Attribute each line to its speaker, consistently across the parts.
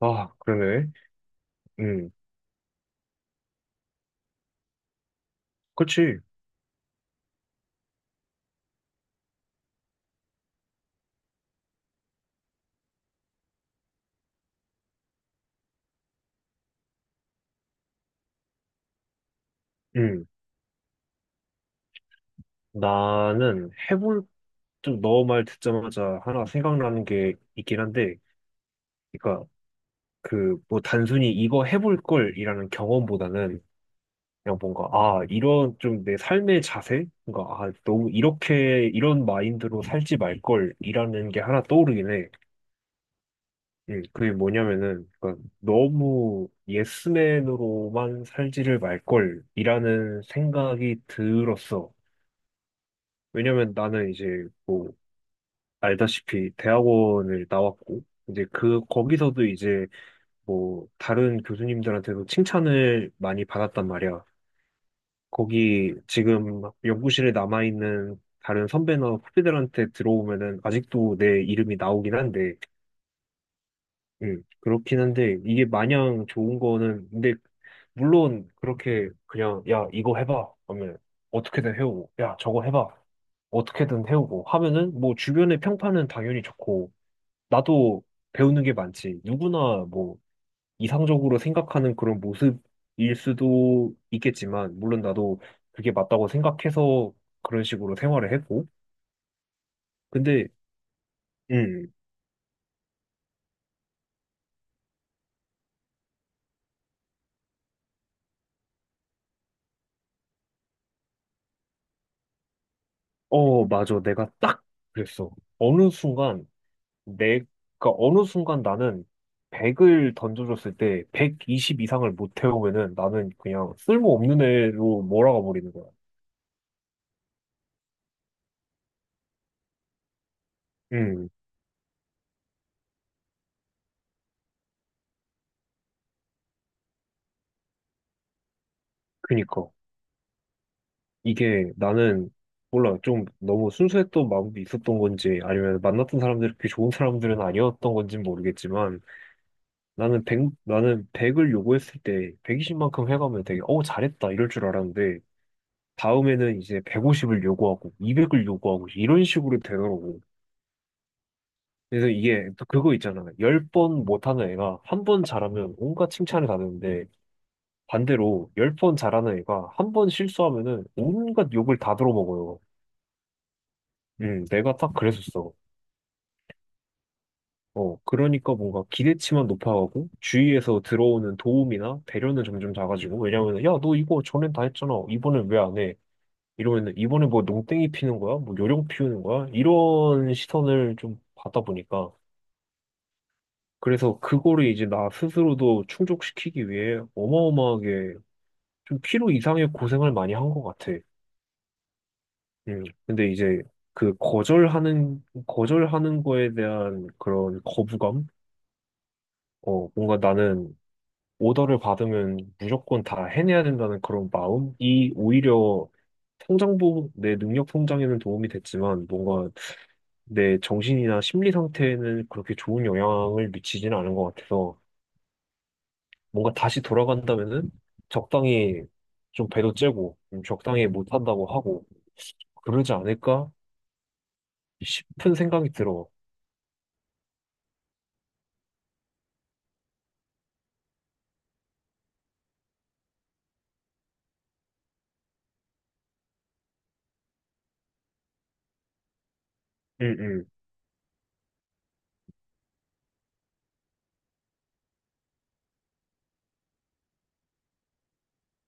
Speaker 1: 아, 그러네. 음, 그치. 음, 나는 좀 너 말 듣자마자 하나 생각나는 게 있긴 한데, 그러니까 그 뭐 단순히 이거 해볼 걸이라는 경험보다는 그냥 뭔가 아 이런 좀 내 삶의 자세, 뭔가 아 너무 이렇게 이런 마인드로 살지 말 걸이라는 게 하나 떠오르긴 해. 그게 뭐냐면은 그러니까 너무 예스맨으로만 살지를 말 걸이라는 생각이 들었어. 왜냐면 나는 이제 뭐 알다시피 대학원을 나왔고 이제 그 거기서도 이제 뭐 다른 교수님들한테도 칭찬을 많이 받았단 말이야. 거기 지금 연구실에 남아 있는 다른 선배나 후배들한테 들어오면은 아직도 내 이름이 나오긴 한데, 그렇긴 한데 이게 마냥 좋은 거는 근데 물론 그렇게 그냥 야 이거 해봐 하면 어떻게든 해오고 야 저거 해봐 어떻게든 해오고 하면은 뭐 주변의 평판은 당연히 좋고 나도 배우는 게 많지. 누구나 뭐 이상적으로 생각하는 그런 모습일 수도 있겠지만 물론 나도 그게 맞다고 생각해서 그런 식으로 생활을 했고 근데 음, 맞아. 내가 딱 그랬어. 어느 순간 내가 어느 순간 나는 100을 던져줬을 때 120 이상을 못 태우면은 나는 그냥 쓸모없는 애로 몰아가 버리는 거야. 음, 그니까. 이게 나는 몰라 좀 너무 순수했던 마음도 있었던 건지 아니면 만났던 사람들이 그렇게 좋은 사람들은 아니었던 건지 는 모르겠지만 나는 백을 요구했을 때 120만큼 해가면 되게 어 잘했다 이럴 줄 알았는데 다음에는 이제 150을 요구하고 200을 요구하고 이런 식으로 되더라고. 그래서 이게 또 그거 있잖아. 열 번 못하는 애가 한 번 잘하면 온갖 칭찬을 받는데 반대로 열 번 잘하는 애가 한 번 실수하면은 온갖 욕을 다 들어먹어요. 내가 딱 그랬었어. 그러니까 뭔가 기대치만 높아가고 주위에서 들어오는 도움이나 배려는 점점 작아지고 왜냐면 야, 너 이거 전엔 다 했잖아. 이번엔 왜 안 해? 이러면 이번에 뭐 농땡이 피는 거야? 뭐 요령 피우는 거야? 이런 시선을 좀 받다 보니까 그래서 그거를 이제 나 스스로도 충족시키기 위해 어마어마하게 좀 필요 이상의 고생을 많이 한 것 같아. 음. 근데 이제 그 거절하는 거에 대한 그런 거부감? 뭔가 나는 오더를 받으면 무조건 다 해내야 된다는 그런 마음이 오히려 성장부 내 능력 성장에는 도움이 됐지만 뭔가 내 정신이나 심리 상태에는 그렇게 좋은 영향을 미치지는 않은 것 같아서 뭔가 다시 돌아간다면은 적당히 좀 배도 째고 좀 적당히 못한다고 하고 그러지 않을까 싶은 생각이 들어. 응, 응.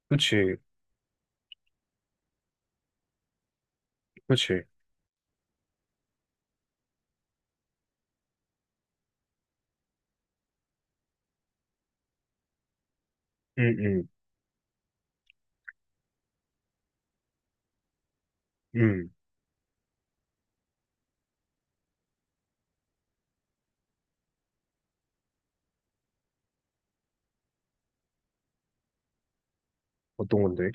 Speaker 1: 그치, 그치. 응, 응, 응. 어떤 건데?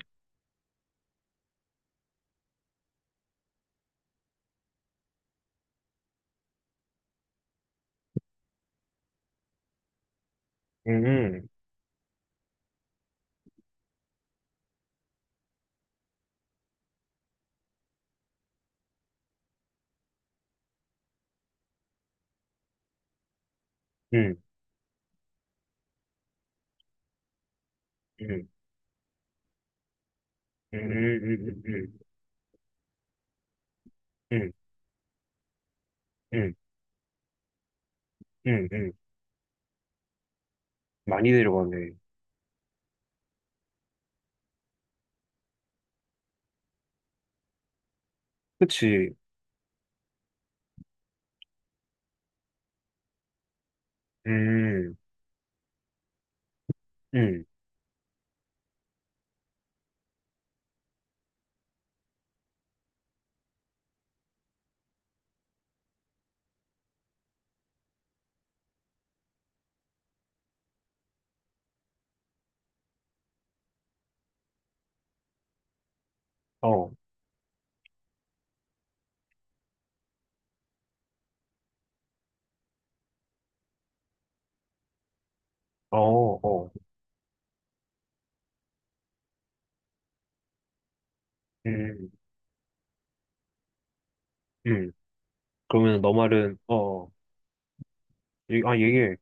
Speaker 1: 응, 응, 응, 응, 응, 응, 응, 응. 응. 응, 응, 응. 많이 내려가네. 그치. 음, 음, 어, 어, 어, 음, 음. 그러면 너 말은, 얘기해.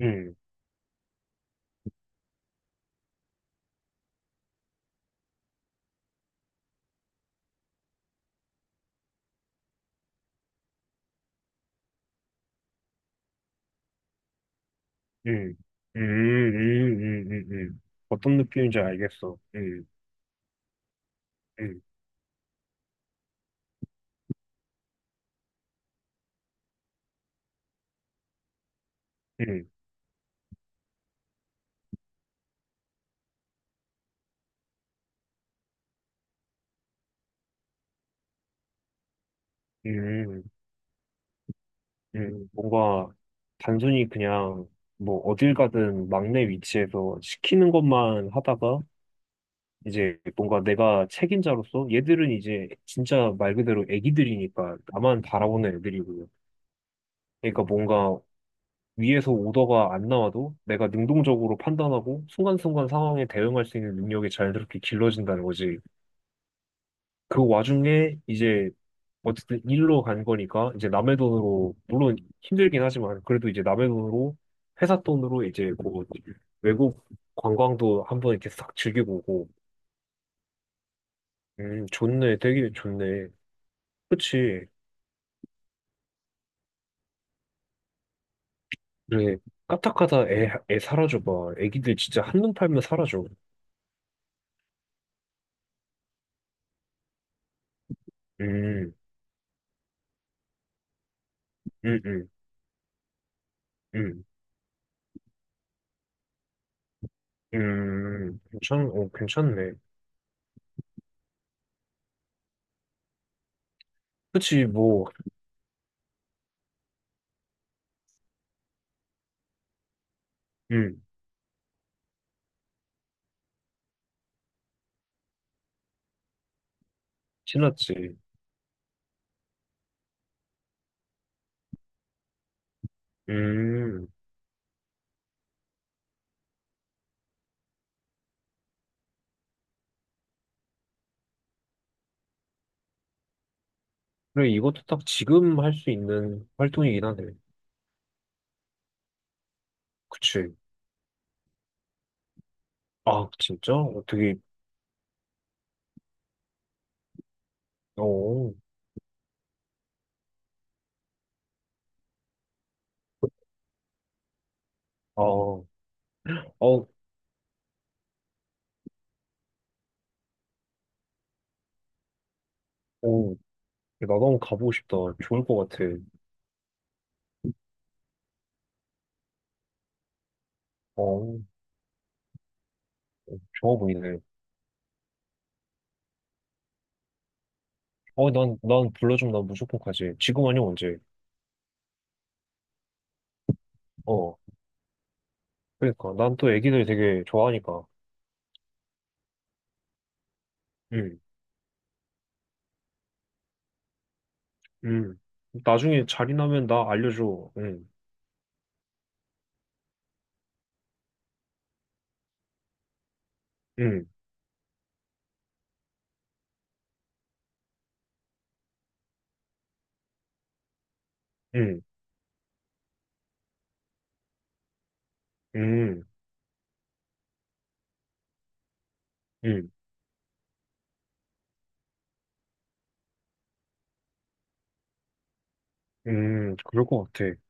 Speaker 1: 음, 음, 음, 음, 음, 음, 음. 어떤 느낌인지 알겠어. 음, 음, 음, 뭔가 단순히 그냥 뭐 어딜 가든 막내 위치에서 시키는 것만 하다가 이제 뭔가 내가 책임자로서 얘들은 이제 진짜 말 그대로 애기들이니까 나만 바라보는 애들이고요. 그러니까 뭔가 위에서 오더가 안 나와도 내가 능동적으로 판단하고 순간순간 상황에 대응할 수 있는 능력이 자연스럽게 길러진다는 거지. 그 와중에 이제 어쨌든 일로 간 거니까 이제 남의 돈으로 물론 힘들긴 하지만 그래도 이제 남의 돈으로 회사 돈으로 이제 뭐 외국 관광도 한번 이렇게 싹 즐기고 오고. 좋네 되게 좋네. 그치. 그래, 까딱하다 애 사라져봐. 애기들 진짜 한눈 팔면 사라져. 음, 음, 음, 음, 괜찮네. 그치, 뭐, 음, 지났지. 음, 그래, 이것도 딱 지금 할 수 있는 활동이긴 하네. 그치. 아, 진짜? 어, 되게, 어, 아, 어, 어, 나도 한번 가보고 싶다. 좋을 것 같아. 어, 어, 좋아 보이네. 난, 불러주면 난 무조건 가지. 지금 아니면 언제? 어. 그러니까 난 또 애기들 되게 좋아하니까. 응, 응. 나중에 자리 나면 나 알려줘. 응, 응, 응, 응, 응, 응. 그럴 것 같아.